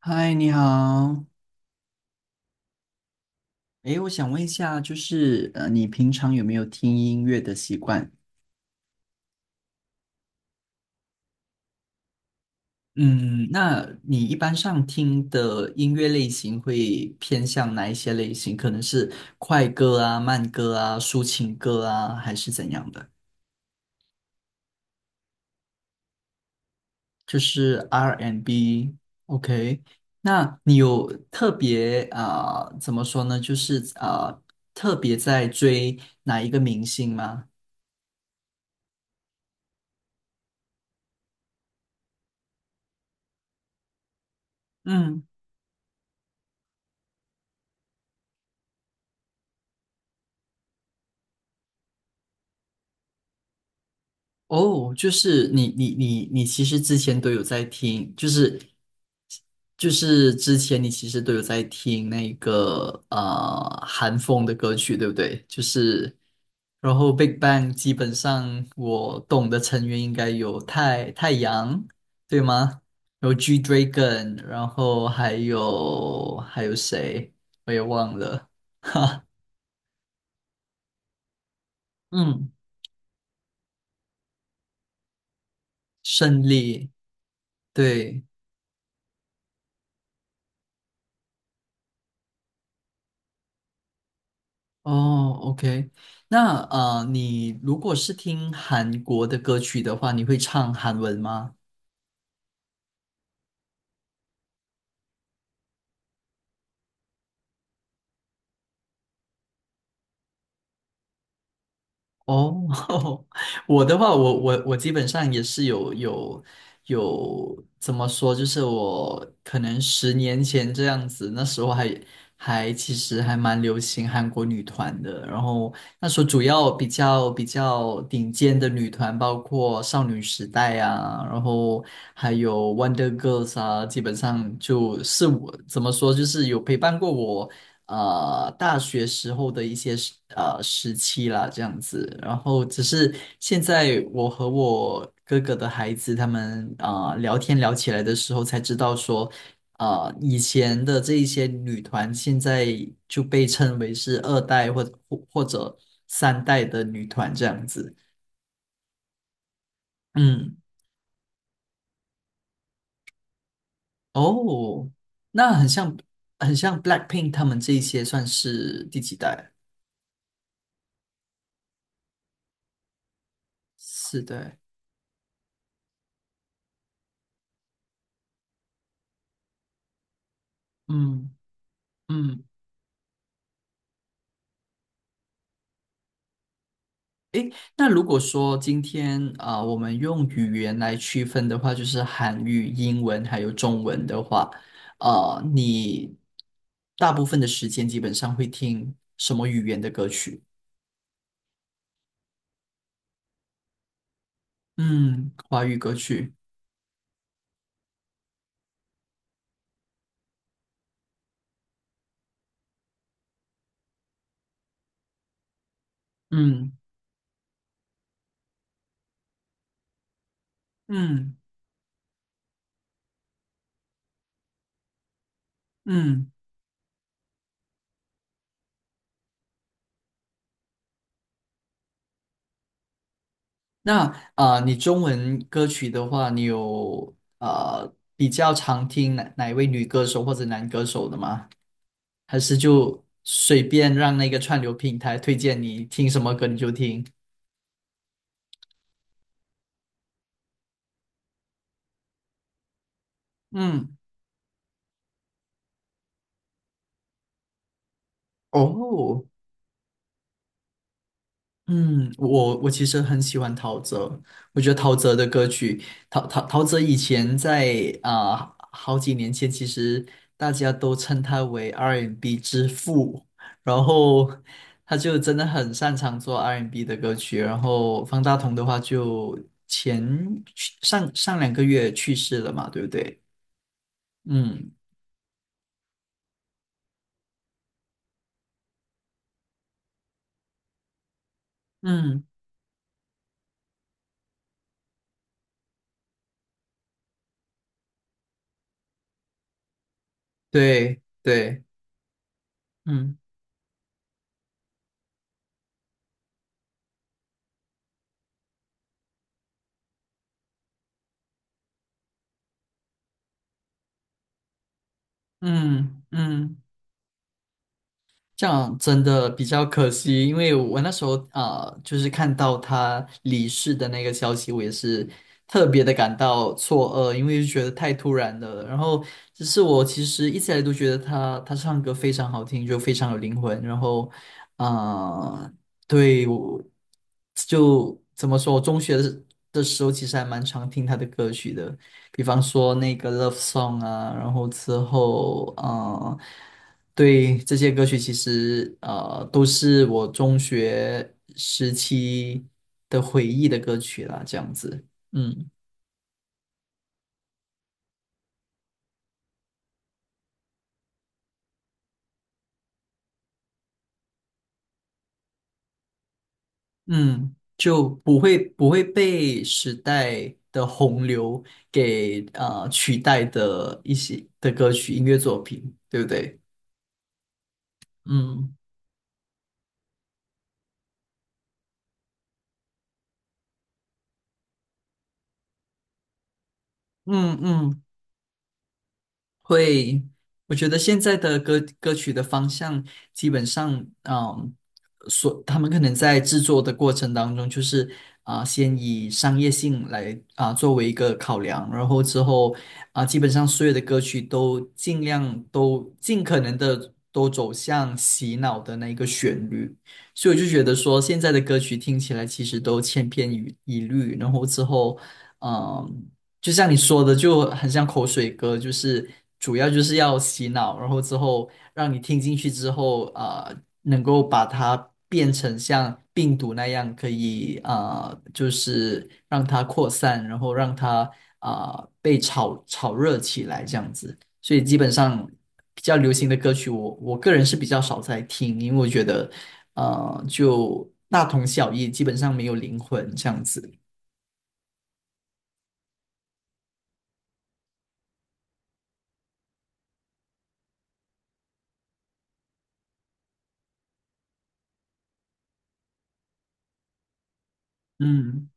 嗨，你好。诶，我想问一下，就是你平常有没有听音乐的习惯？嗯，那你一般上听的音乐类型会偏向哪一些类型？可能是快歌啊、慢歌啊、抒情歌啊，还是怎样的？就是 R&B and B。OK，那你有特别啊、怎么说呢？就是啊、特别在追哪一个明星吗？嗯。哦，就是你其实之前都有在听，就是之前你其实都有在听那个韩风的歌曲，对不对？就是然后 Big Bang 基本上我懂的成员应该有太阳，对吗？然后 G Dragon，然后还有谁？我也忘了。嗯，胜利，对。哦，OK，那你如果是听韩国的歌曲的话，你会唱韩文吗？哦，我的话，我基本上也是有怎么说，就是我可能十年前这样子，那时候还其实还蛮流行韩国女团的，然后那时候主要比较顶尖的女团包括少女时代啊，然后还有 Wonder Girls 啊，基本上就是我怎么说，就是有陪伴过我。大学时候的一些时期啦，这样子。然后只是现在我和我哥哥的孩子他们啊聊天聊起来的时候，才知道说，以前的这一些女团现在就被称为是二代或者三代的女团这样子。嗯，哦，那很像 Blackpink 他们这一些算是第几代？四代。嗯嗯。诶，那如果说今天啊、我们用语言来区分的话，就是韩语、英文还有中文的话，啊，你大部分的时间基本上会听什么语言的歌曲？嗯，华语歌曲。嗯嗯嗯。那啊、你中文歌曲的话，你有啊比较常听哪一位女歌手或者男歌手的吗？还是就随便让那个串流平台推荐你听什么歌你就听？嗯，哦，嗯，我其实很喜欢陶喆，我觉得陶喆的歌曲，陶陶陶喆以前在啊、好几年前，其实大家都称他为 R&B 之父，然后他就真的很擅长做 R&B 的歌曲，然后方大同的话就前上上两个月去世了嘛，对不对？嗯。嗯，对对，嗯嗯嗯。这样真的比较可惜，因为我那时候啊、就是看到他离世的那个消息，我也是特别的感到错愕，因为就觉得太突然了。然后，只是我其实一直以来都觉得他唱歌非常好听，就非常有灵魂。然后，啊、对，我就怎么说，我中学的时候其实还蛮常听他的歌曲的，比方说那个《Love Song》啊，然后之后，嗯、对，这些歌曲其实都是我中学时期的回忆的歌曲啦，这样子，嗯嗯，就不会被时代的洪流给取代的一些的歌曲音乐作品，对不对？嗯嗯嗯，会，我觉得现在的歌曲的方向基本上，嗯，所他们可能在制作的过程当中，就是啊、先以商业性来啊、作为一个考量，然后之后啊、基本上所有的歌曲都尽量都尽可能的都走向洗脑的那一个旋律，所以我就觉得说，现在的歌曲听起来其实都千篇一律，然后之后。嗯就像你说的，就很像口水歌，就是主要就是要洗脑，然后之后让你听进去之后，能够把它变成像病毒那样，可以就是让它扩散，然后让它啊、被炒热起来这样子。所以基本上比较流行的歌曲我个人是比较少在听，因为我觉得就大同小异，基本上没有灵魂这样子。嗯。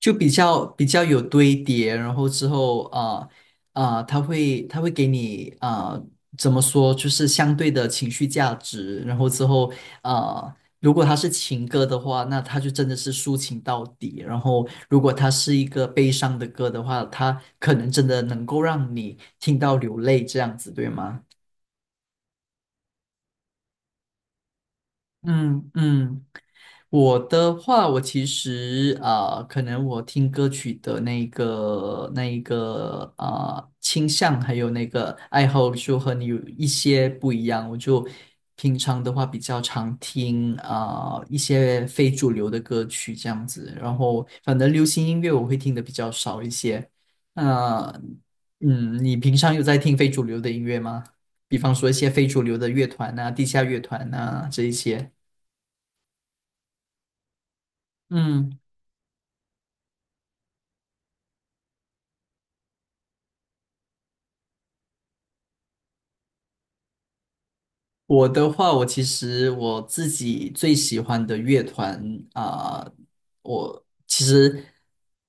就比较有堆叠，然后之后啊，他会给你啊、怎么说，就是相对的情绪价值，然后之后啊、如果它是情歌的话，那它就真的是抒情到底；然后如果它是一个悲伤的歌的话，它可能真的能够让你听到流泪，这样子，对吗？嗯嗯。我的话，我其实啊、可能我听歌曲的那个那一个啊、倾向，还有那个爱好，就和你有一些不一样。我就平常的话比较常听啊、一些非主流的歌曲这样子，然后反正流行音乐我会听的比较少一些。那、嗯，你平常有在听非主流的音乐吗？比方说一些非主流的乐团呐、地下乐团呐这一些。嗯。我的话，我其实我自己最喜欢的乐团啊、我其实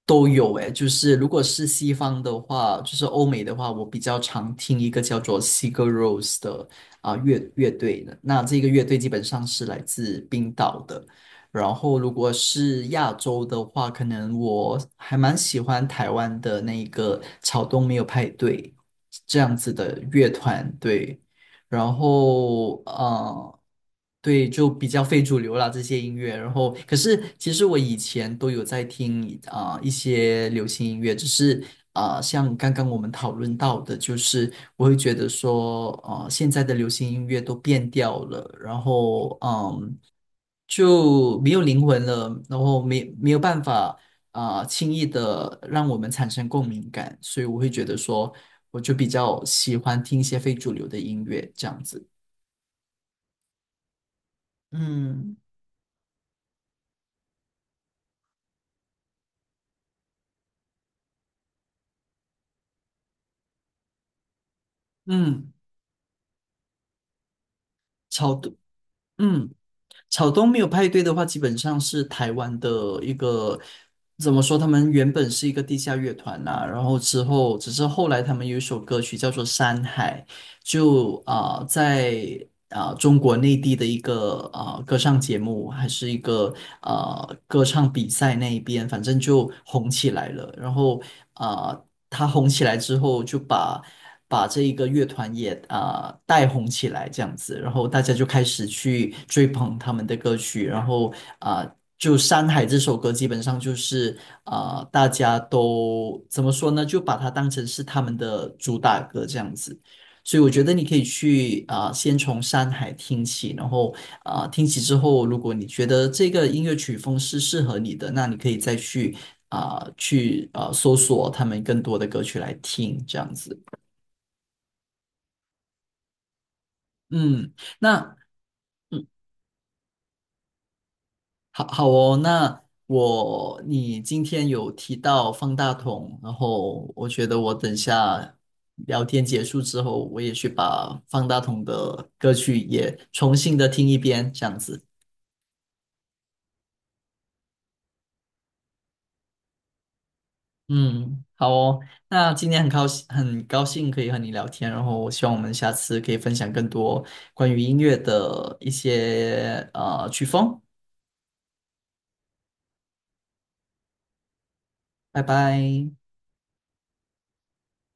都有诶。就是如果是西方的话，就是欧美的话，我比较常听一个叫做 Sigur Rós 的啊、乐队的。那这个乐队基本上是来自冰岛的。然后如果是亚洲的话，可能我还蛮喜欢台湾的那个草东没有派对这样子的乐团，对。然后嗯，对，就比较非主流啦这些音乐。然后，可是其实我以前都有在听啊、一些流行音乐，只是啊、像刚刚我们讨论到的，就是我会觉得说，啊、现在的流行音乐都变调了，然后嗯。就没有灵魂了，然后没有办法啊、轻易的让我们产生共鸣感，所以我会觉得说，我就比较喜欢听一些非主流的音乐这样子。嗯，嗯，草东，嗯，草东没有派对的话，基本上是台湾的一个，怎么说？他们原本是一个地下乐团呐、然后之后只是后来他们有一首歌曲叫做《山海》，就啊、在啊、中国内地的一个啊、歌唱节目，还是一个歌唱比赛那一边，反正就红起来了。然后啊、他红起来之后，就把这一个乐团也啊、带红起来，这样子，然后大家就开始去追捧他们的歌曲，然后啊。就《山海》这首歌，基本上就是啊、大家都怎么说呢？就把它当成是他们的主打歌这样子。所以我觉得你可以去啊、先从山海听起，然后啊、听起之后，如果你觉得这个音乐曲风是适合你的，那你可以再去啊、搜索他们更多的歌曲来听，这样子。嗯，那嗯，好好哦，那你今天有提到方大同，然后我觉得我等下聊天结束之后，我也去把方大同的歌曲也重新的听一遍，这样子。嗯，好哦。那今天很高兴，很高兴可以和你聊天，然后我希望我们下次可以分享更多关于音乐的一些曲风。拜拜。